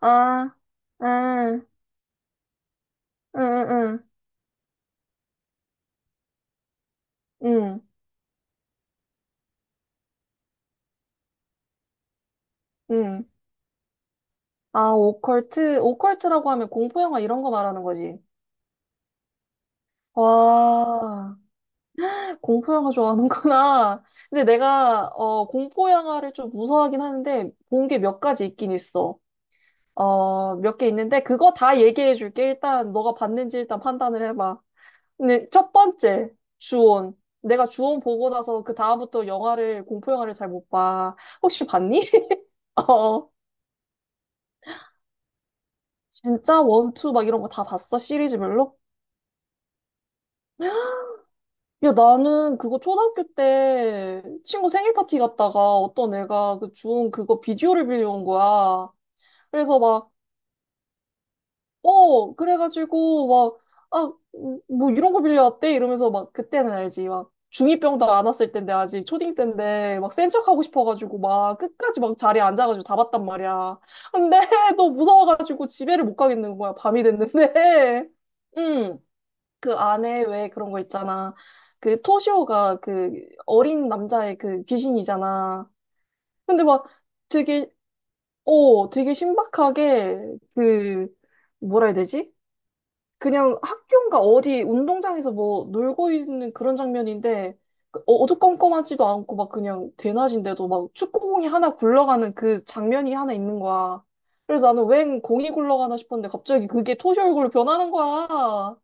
아, 아, 응, 응, 응, 응, 응. 아, 오컬트. 오컬트라고 하면 공포영화 이런 거 말하는 거지. 와, 공포영화 좋아하는구나. 근데 내가, 공포영화를 좀 무서워하긴 하는데, 본 게 몇 가지 있긴 있어. 몇 개 있는데, 그거 다 얘기해 줄게. 일단, 너가 봤는지 일단 판단을 해봐. 근데 첫 번째, 주온. 내가 주온 보고 나서 그 다음부터 영화를, 공포영화를 잘 못 봐. 혹시 봤니? 어. 진짜 원투 막 이런 거 다 봤어? 시리즈별로? 야, 나는 그거 초등학교 때 친구 생일 파티 갔다가 어떤 애가 그 준 그거 비디오를 빌려온 거야. 그래서 막, 그래가지고 막, 뭐 이런 거 빌려왔대? 이러면서 막 그때는 알지. 막 중2병도 안 왔을 텐데 아직 초딩 때인데 막 센 척하고 싶어가지고 막 끝까지 막 자리에 앉아가지고 다 봤단 말이야. 근데 너 무서워가지고 집에를 못 가겠는 거야. 밤이 됐는데. 응. 그 안에 왜 그런 거 있잖아. 그 토시오가 그 어린 남자의 그 귀신이잖아. 근데 막 되게, 되게 신박하게 그, 뭐라 해야 되지? 그냥 학교인가 어디 운동장에서 뭐 놀고 있는 그런 장면인데 그 어두컴컴하지도 않고 막 그냥 대낮인데도 막 축구공이 하나 굴러가는 그 장면이 하나 있는 거야. 그래서 나는 웬 공이 굴러가나 싶었는데 갑자기 그게 토시 얼굴로 변하는 거야.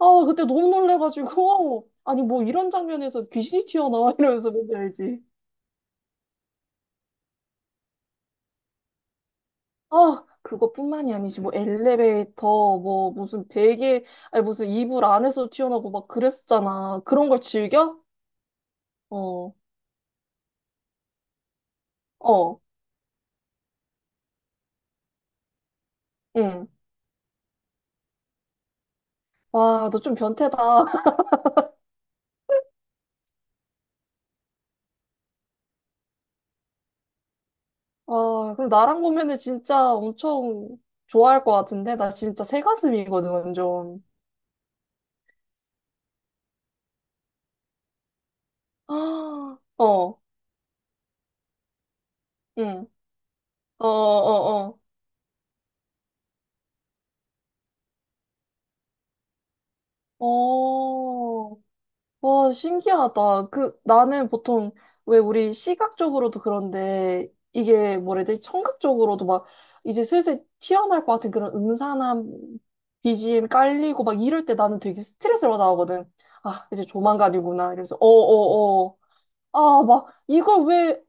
아, 그때 너무 놀래가지고. 아니, 뭐 이런 장면에서 귀신이 튀어나와 이러면서 뭔지 알지? 아, 그것뿐만이 아니지. 뭐 엘리베이터, 뭐 무슨 베개, 아니 무슨 이불 안에서 튀어나오고 막 그랬었잖아. 그런 걸 즐겨? 어, 어, 응. 와, 너 좀 변태다. 와, 그럼 나랑 보면은 진짜 엄청 좋아할 것 같은데? 나 진짜 새가슴이거든, 완전. 아, 어, 응. 어, 어, 어. 어, 와, 신기하다. 그, 나는 보통, 왜 우리 시각적으로도 그런데, 이게 뭐라 해야 되지? 청각적으로도 막, 이제 슬슬 튀어나올 것 같은 그런 음산한 BGM 깔리고 막 이럴 때 나는 되게 스트레스를 받아하거든. 아, 이제 조만간이구나. 이래서, 어, 어, 어. 아, 막, 이걸 왜,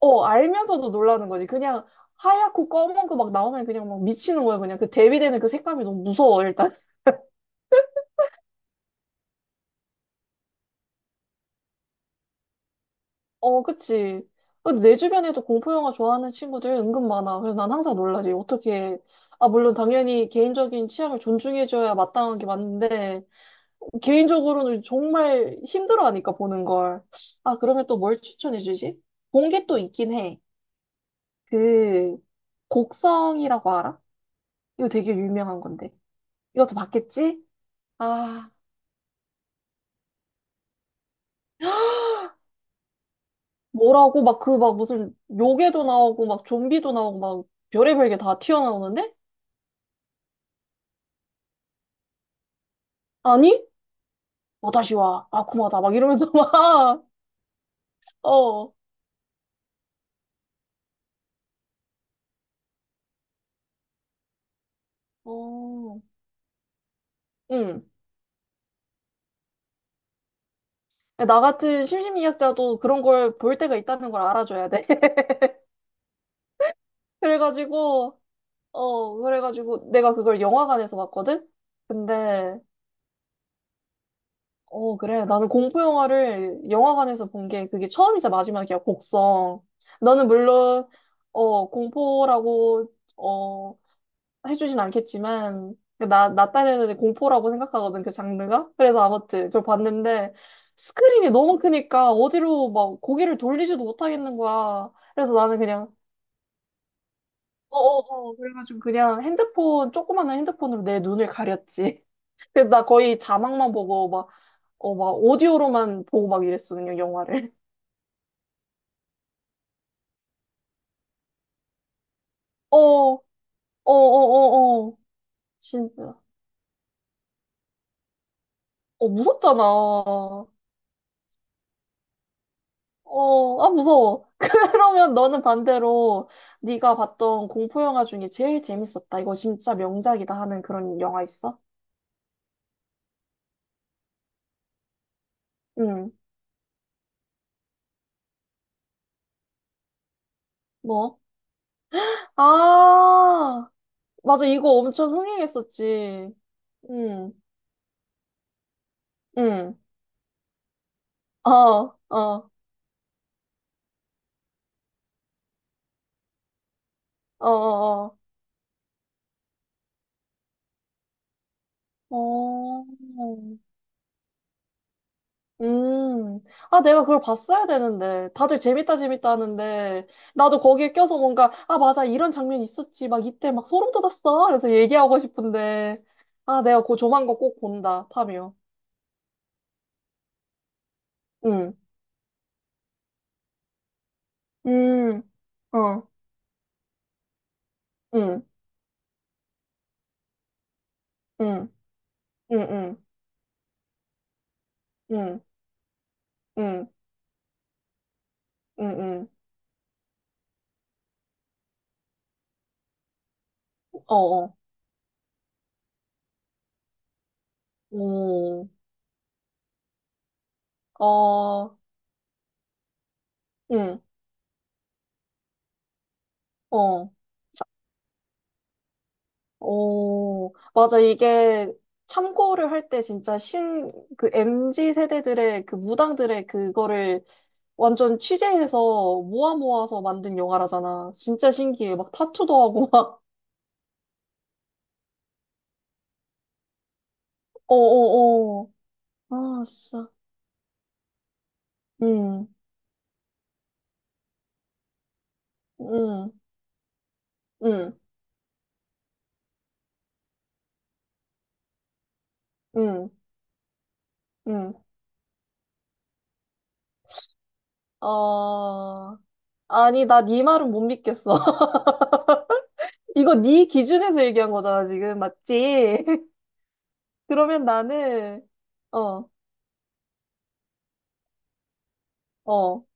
어, 알면서도 놀라는 거지. 그냥 하얗고 검은 거 막 나오면 그냥 막 미치는 거야. 그냥 그 대비되는 그 색감이 너무 무서워, 일단. 어, 그치. 근데 내 주변에도 공포 영화 좋아하는 친구들 은근 많아. 그래서 난 항상 놀라지. 어떻게, 아, 물론 당연히 개인적인 취향을 존중해줘야 마땅한 게 맞는데, 개인적으로는 정말 힘들어하니까 보는 걸. 아, 그러면 또 뭘 추천해주지? 본 게 또 있긴 해. 그, 곡성이라고 알아? 이거 되게 유명한 건데. 이것도 봤겠지? 아, 뭐라고 막 그 막 무슨 요괴도 나오고 막 좀비도 나오고 막 별의별 게 다 튀어나오는데? 아니? 뭐다시 와, 아쿠마다, 막 이러면서 막, 어, 어, 응. 나 같은 심심미학자도 그런 걸 볼 때가 있다는 걸 알아줘야 돼. 그래가지고, 그래가지고 내가 그걸 영화관에서 봤거든? 근데, 그래. 나는 공포 영화를 영화관에서 본 게 그게 처음이자 마지막이야, 곡성. 너는 물론, 공포라고, 어, 해주진 않겠지만, 그 나 딴에는 공포라고 생각하거든, 그 장르가. 그래서 아무튼 그걸 봤는데, 스크린이 너무 크니까 어디로 막 고개를 돌리지도 못하겠는 거야. 그래서 나는 그냥, 그래가지고 그냥 핸드폰, 조그마한 핸드폰으로 내 눈을 가렸지. 그래서 나 거의 자막만 보고 막, 막 오디오로만 보고 막 이랬어, 그냥 영화를. 어, 어, 어, 어, 어. 진짜. 어, 무섭잖아. 어, 아, 무서워. 그러면 너는 반대로 네가 봤던 공포 영화 중에 제일 재밌었다. 이거 진짜 명작이다 하는 그런 영화 있어? 응. 뭐? 아, 맞아. 이거 엄청 흥행했었지. 응, 응. 어, 어, 어, 어, 어. 어, 음, 아, 내가 그걸 봤어야 되는데. 다들 재밌다, 재밌다 하는데. 나도 거기에 껴서 뭔가, 아, 맞아, 이런 장면 있었지. 막 이때 막 소름 돋았어. 그래서 얘기하고 싶은데. 아, 내가 그 조만간 꼭 본다, 파묘. 응, 음, 어, 응, 응, 응, 응, 응, 응, 응, 응, 응. 어, 어, 오, 어, 응, 어. 어, 맞아. 이게 참고를 할 때 진짜 그 MZ 세대들의 그 무당들의 그거를 완전 취재해서 모아 모아서 만든 영화라잖아. 진짜 신기해. 막 타투도 하고 막. 어어어. 아, 진짜. 응, 응, 응, 응, 응. 아 아니, 나 네 말은 못 믿겠어. 이거 네 기준에서 얘기한 거잖아, 지금. 맞지? 그러면 나는, 어, 어, 어,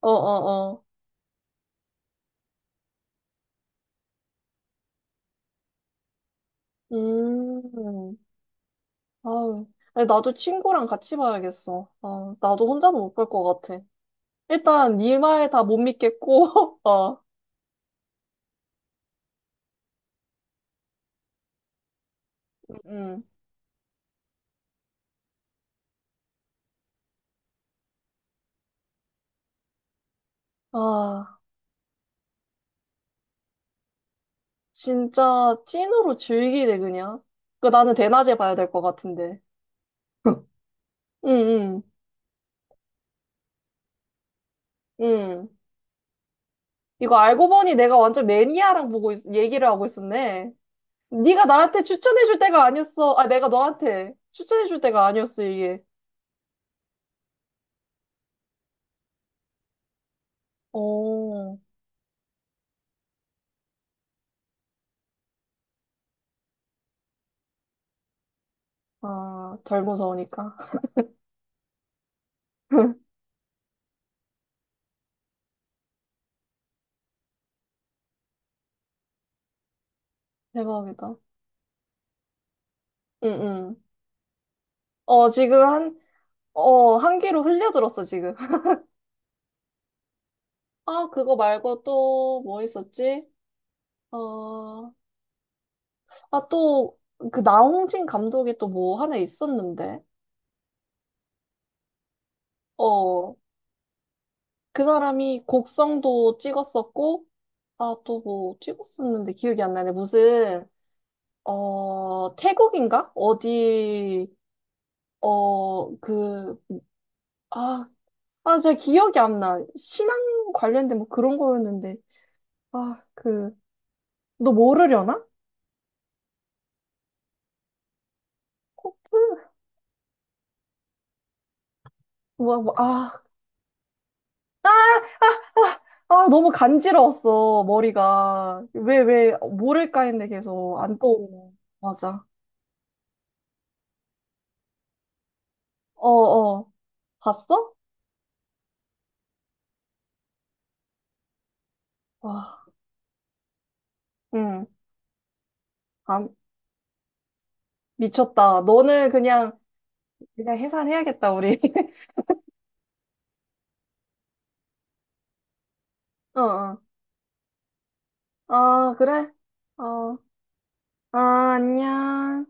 어, 어. 음, 아유. 아니, 나도 친구랑 같이 봐야겠어. 아, 나도 혼자는 못 볼 것 같아. 일단 네 말 다 못 믿겠고, 어, 음. 아, 진짜 찐으로 즐기네, 그냥. 그 나는 대낮에 봐야 될 것 같은데. 응, 응, 응. 이거 알고 보니 내가 완전 매니아랑 얘기를 하고 있었네. 네가 나한테 추천해줄 때가 아니었어. 아, 내가 너한테 추천해줄 때가 아니었어, 이게. 오, 아, 덜 무서우니까. 대박이다. 응, 응. 어, 지금 한 귀로 흘려들었어, 지금. 아, 그거 말고 또 뭐 있었지? 어, 또, 그 나홍진 감독이 또 뭐 하나 있었는데. 어, 그 사람이 곡성도 찍었었고, 아, 또 뭐 찍었었는데 기억이 안 나네. 무슨, 태국인가? 어디, 어, 그, 아, 제가 기억이 안 나. 신앙 관련된 뭐 그런 거였는데. 아, 너 모르려나? 코프? 뭐, 뭐, 너무 간지러웠어, 머리가. 왜, 모를까 했는데 계속 안 떠오르네. 맞아. 어, 어. 봤어? 와, 응. 아, 미쳤다. 너는 그냥 해산해야겠다, 우리. 어, 어. 아, 그래? 어, 아, 안녕.